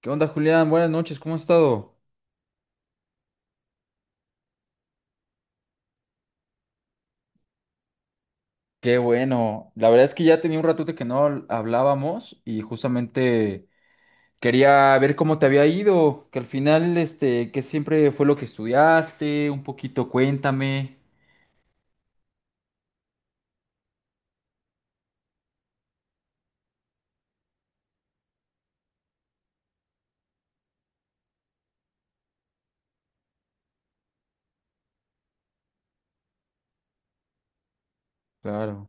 ¿Qué onda, Julián? Buenas noches, ¿cómo has estado? Qué bueno. La verdad es que ya tenía un ratote que no hablábamos y justamente quería ver cómo te había ido, que al final, este, que siempre fue lo que estudiaste, un poquito cuéntame. Claro.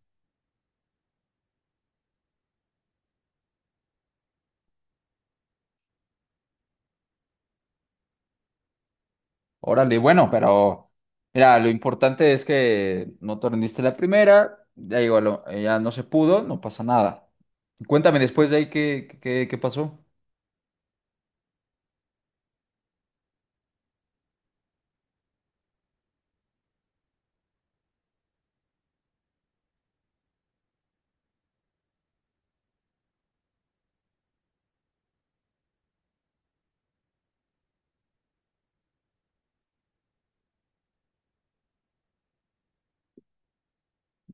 Órale, bueno, pero mira, lo importante es que no te rendiste la primera, ya digo, ya no se pudo, no pasa nada. Cuéntame después de ahí qué pasó.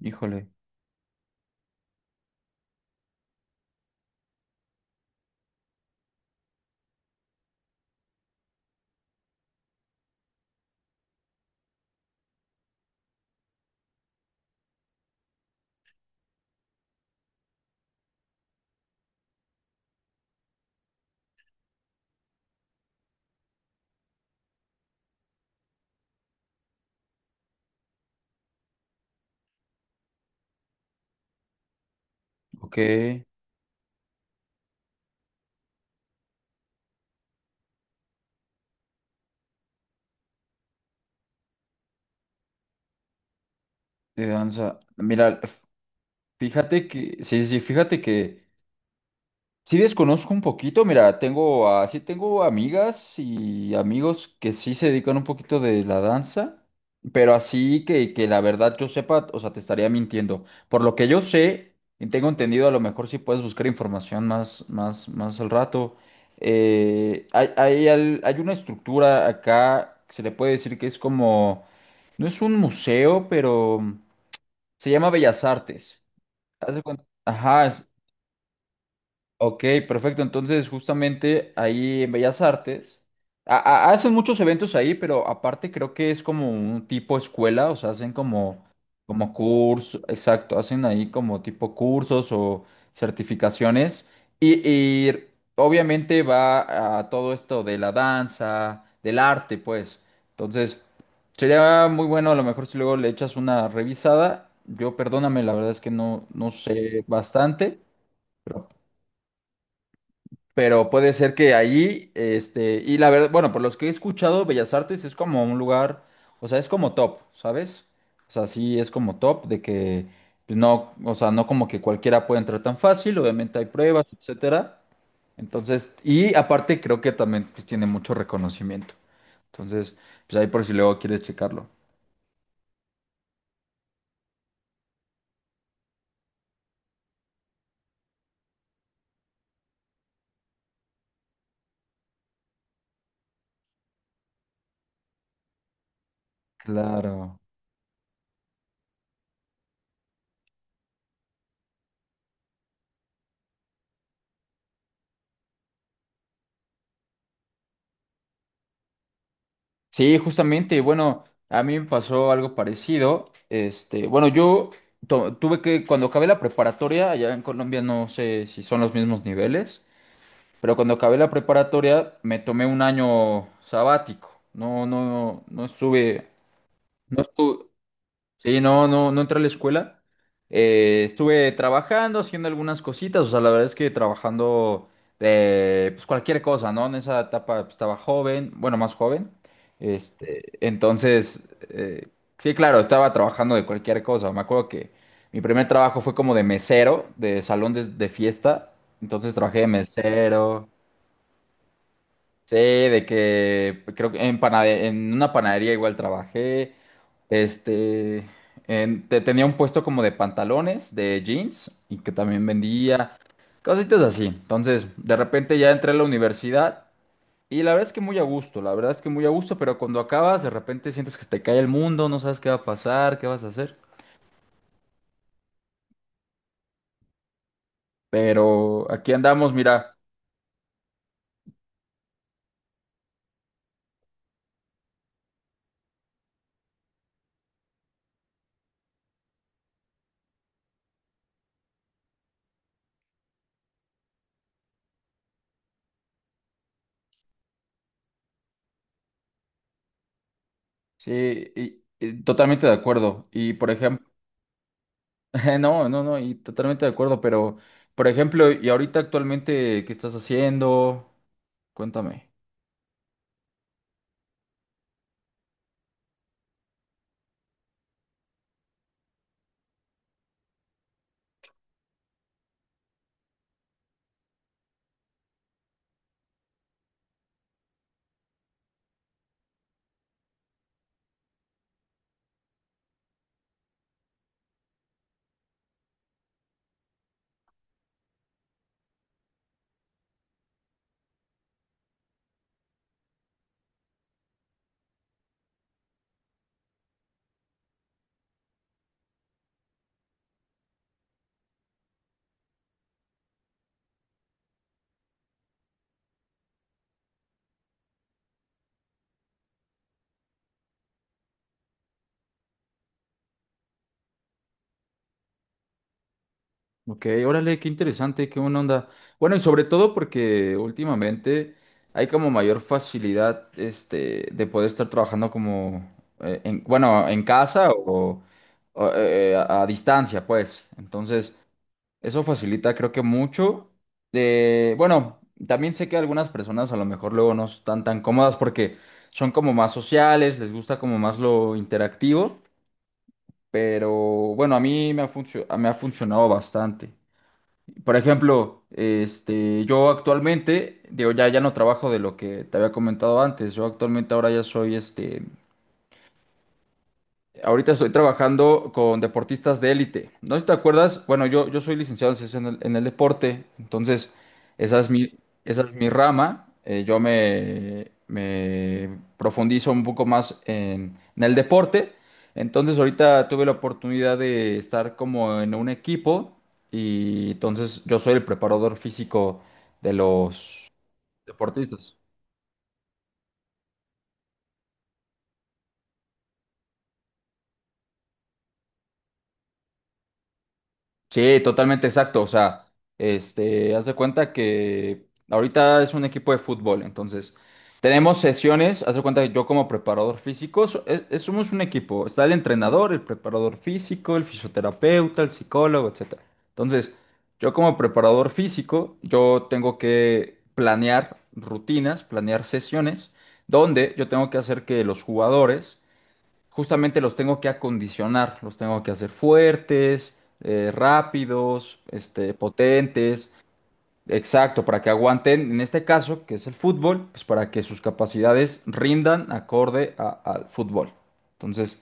Híjole, ok, de danza. Mira, Fíjate que sí desconozco un poquito, mira, tengo, sí tengo amigas y amigos que sí se dedican un poquito de la danza, pero así que la verdad yo sepa, o sea, te estaría mintiendo. Por lo que yo sé y tengo entendido, a lo mejor sí puedes buscar información más al rato. Hay una estructura acá que se le puede decir que es como, no es un museo, pero se llama Bellas Artes. Ajá, ok, perfecto. Entonces, justamente ahí en Bellas Artes, a- hacen muchos eventos ahí, pero aparte creo que es como un tipo escuela, o sea, hacen como, como curso, exacto, hacen ahí como tipo cursos o certificaciones. Y, y obviamente va a todo esto de la danza, del arte, pues. Entonces, sería muy bueno, a lo mejor si luego le echas una revisada. Yo, perdóname, la verdad es que no, no sé bastante. Pero puede ser que allí, este, y la verdad, bueno, por los que he escuchado, Bellas Artes es como un lugar, o sea, es como top, ¿sabes? O sea, sí es como top de que pues, no, o sea, no como que cualquiera puede entrar tan fácil, obviamente hay pruebas, etcétera. Entonces, y aparte creo que también pues, tiene mucho reconocimiento. Entonces, pues ahí por si luego quieres checarlo. Claro. Sí, justamente, bueno, a mí me pasó algo parecido. Este, bueno, yo tuve que, cuando acabé la preparatoria, allá en Colombia no sé si son los mismos niveles, pero cuando acabé la preparatoria me tomé un año sabático. No estuve, no estuve. Sí, no entré a la escuela. Estuve trabajando, haciendo algunas cositas. O sea, la verdad es que trabajando de pues cualquier cosa, ¿no? En esa etapa pues, estaba joven, bueno, más joven. Este, entonces, sí, claro, estaba trabajando de cualquier cosa. Me acuerdo que mi primer trabajo fue como de mesero, de salón de fiesta. Entonces trabajé de mesero. Sí, de que pues, creo que en, en una panadería igual trabajé. Este, tenía un puesto como de pantalones, de jeans, y que también vendía cositas así. Entonces, de repente ya entré a la universidad y la verdad es que muy a gusto, la verdad es que muy a gusto, pero cuando acabas, de repente sientes que se te cae el mundo, no sabes qué va a pasar, qué vas a hacer. Pero aquí andamos, mira, sí, y totalmente de acuerdo. Y por ejemplo, no, y totalmente de acuerdo, pero, por ejemplo, y ahorita actualmente, ¿qué estás haciendo? Cuéntame. Ok, órale, qué interesante, qué buena onda. Bueno, y sobre todo porque últimamente hay como mayor facilidad, este, de poder estar trabajando como, bueno, en casa o, a distancia, pues. Entonces, eso facilita, creo que mucho. Bueno, también sé que algunas personas a lo mejor luego no están tan cómodas porque son como más sociales, les gusta como más lo interactivo, pero bueno, a mí me ha funcionado bastante. Por ejemplo, este, yo actualmente, digo, ya no trabajo de lo que te había comentado antes, yo actualmente ahora ya soy este. Ahorita estoy trabajando con deportistas de élite. No sé si te acuerdas, bueno, yo soy licenciado en ciencias en el deporte, entonces esa es mi, esa es mi rama. Me profundizo un poco más en el deporte. Entonces ahorita tuve la oportunidad de estar como en un equipo y entonces yo soy el preparador físico de los deportistas. Sí, totalmente exacto. O sea, este, haz de cuenta que ahorita es un equipo de fútbol, entonces tenemos sesiones, haz de cuenta que yo como preparador físico, somos un equipo, está el entrenador, el preparador físico, el fisioterapeuta, el psicólogo, etcétera. Entonces, yo como preparador físico, yo tengo que planear rutinas, planear sesiones, donde yo tengo que hacer que los jugadores justamente los tengo que acondicionar, los tengo que hacer fuertes, rápidos, este, potentes, exacto, para que aguanten, en este caso, que es el fútbol, pues para que sus capacidades rindan acorde al fútbol. Entonces,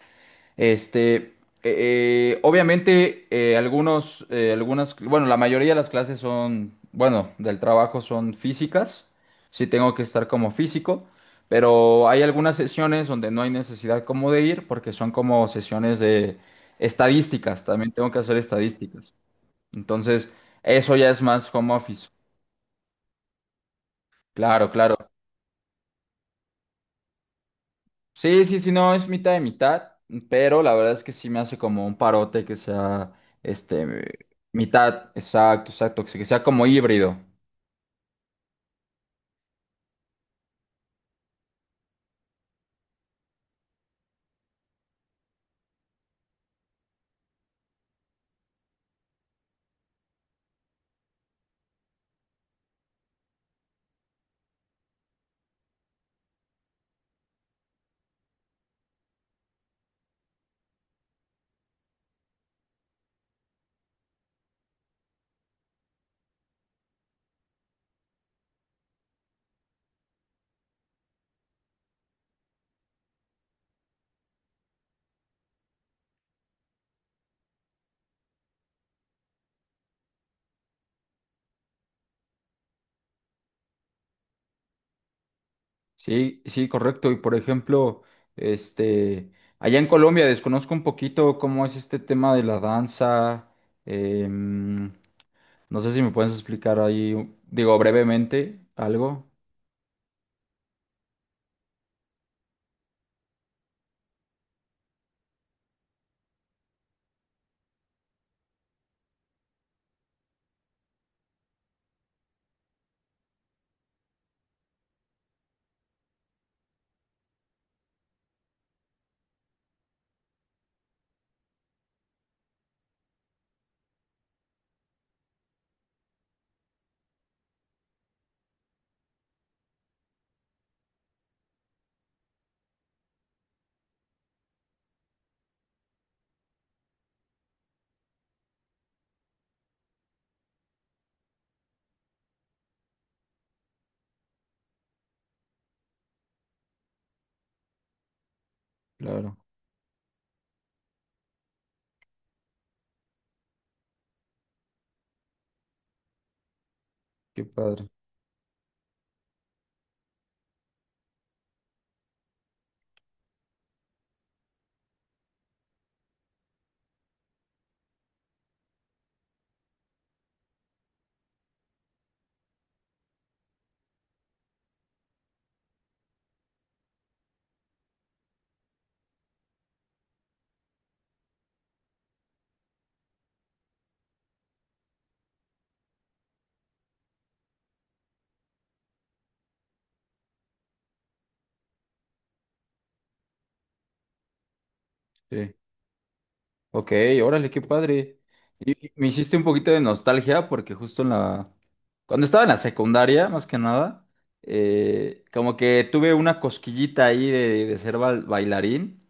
este, obviamente, algunas, bueno, la mayoría de las clases son, bueno, del trabajo son físicas. Sí tengo que estar como físico, pero hay algunas sesiones donde no hay necesidad como de ir porque son como sesiones de estadísticas. También tengo que hacer estadísticas. Entonces, eso ya es más home office. Claro, claro. Sí, no, es mitad de mitad, pero la verdad es que sí me hace como un parote que sea, este, mitad, exacto, exacto, que sea como híbrido. Sí, sí, correcto. Y por ejemplo, este, allá en Colombia desconozco un poquito cómo es este tema de la danza. em, no sé si me puedes explicar ahí, digo, brevemente algo. Claro, qué padre. Sí. Ok, órale, qué padre. Y me hiciste un poquito de nostalgia porque justo en la... Cuando estaba en la secundaria, más que nada, como que tuve una cosquillita ahí de ser bailarín.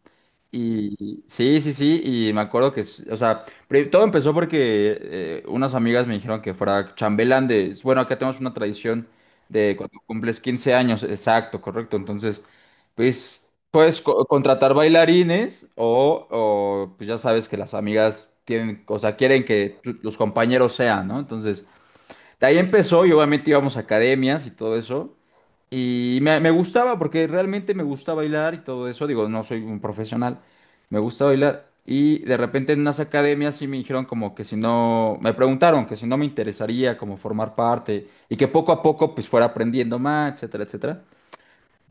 Y sí, sí, sí, y me acuerdo que, o sea, todo empezó porque unas amigas me dijeron que fuera chambelán de, bueno, acá tenemos una tradición de cuando cumples 15 años, exacto, correcto, entonces, pues, puedes contratar bailarines o, pues ya sabes que las amigas tienen, o sea, quieren que los compañeros sean, ¿no? Entonces, de ahí empezó y obviamente íbamos a academias y todo eso. Y me gustaba porque realmente me gusta bailar y todo eso. Digo, no soy un profesional, me gusta bailar. Y de repente en unas academias sí me dijeron como que si no, me preguntaron que si no me interesaría como formar parte y que poco a poco pues fuera aprendiendo más, etcétera, etcétera.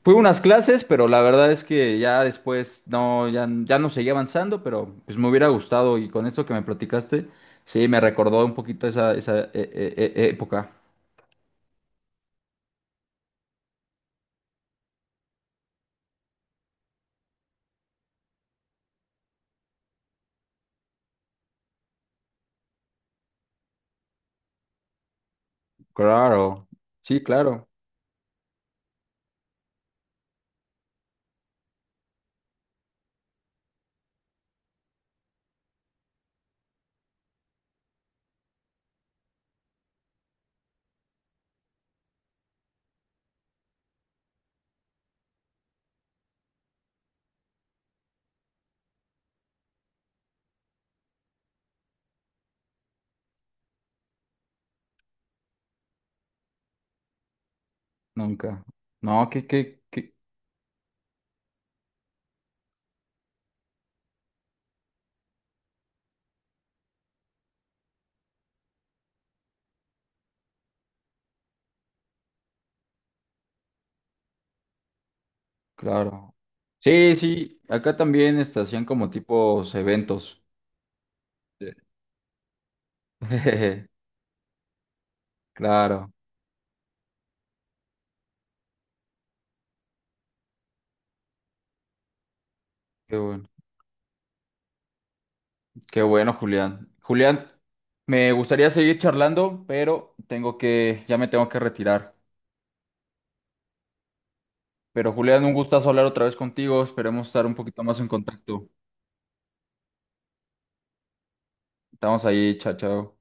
Fui a unas clases, pero la verdad es que ya después no, ya no seguí avanzando, pero pues me hubiera gustado y con esto que me platicaste, sí, me recordó un poquito esa, esa época. Claro, sí, claro, nunca. No, que, claro. Sí, sí, acá también este, hacían como tipos eventos. Sí. Claro, qué bueno, qué bueno, Julián. Julián, me gustaría seguir charlando, pero tengo que, ya me tengo que retirar. Pero Julián, un gustazo hablar otra vez contigo. Esperemos estar un poquito más en contacto. Estamos ahí, chao, chao.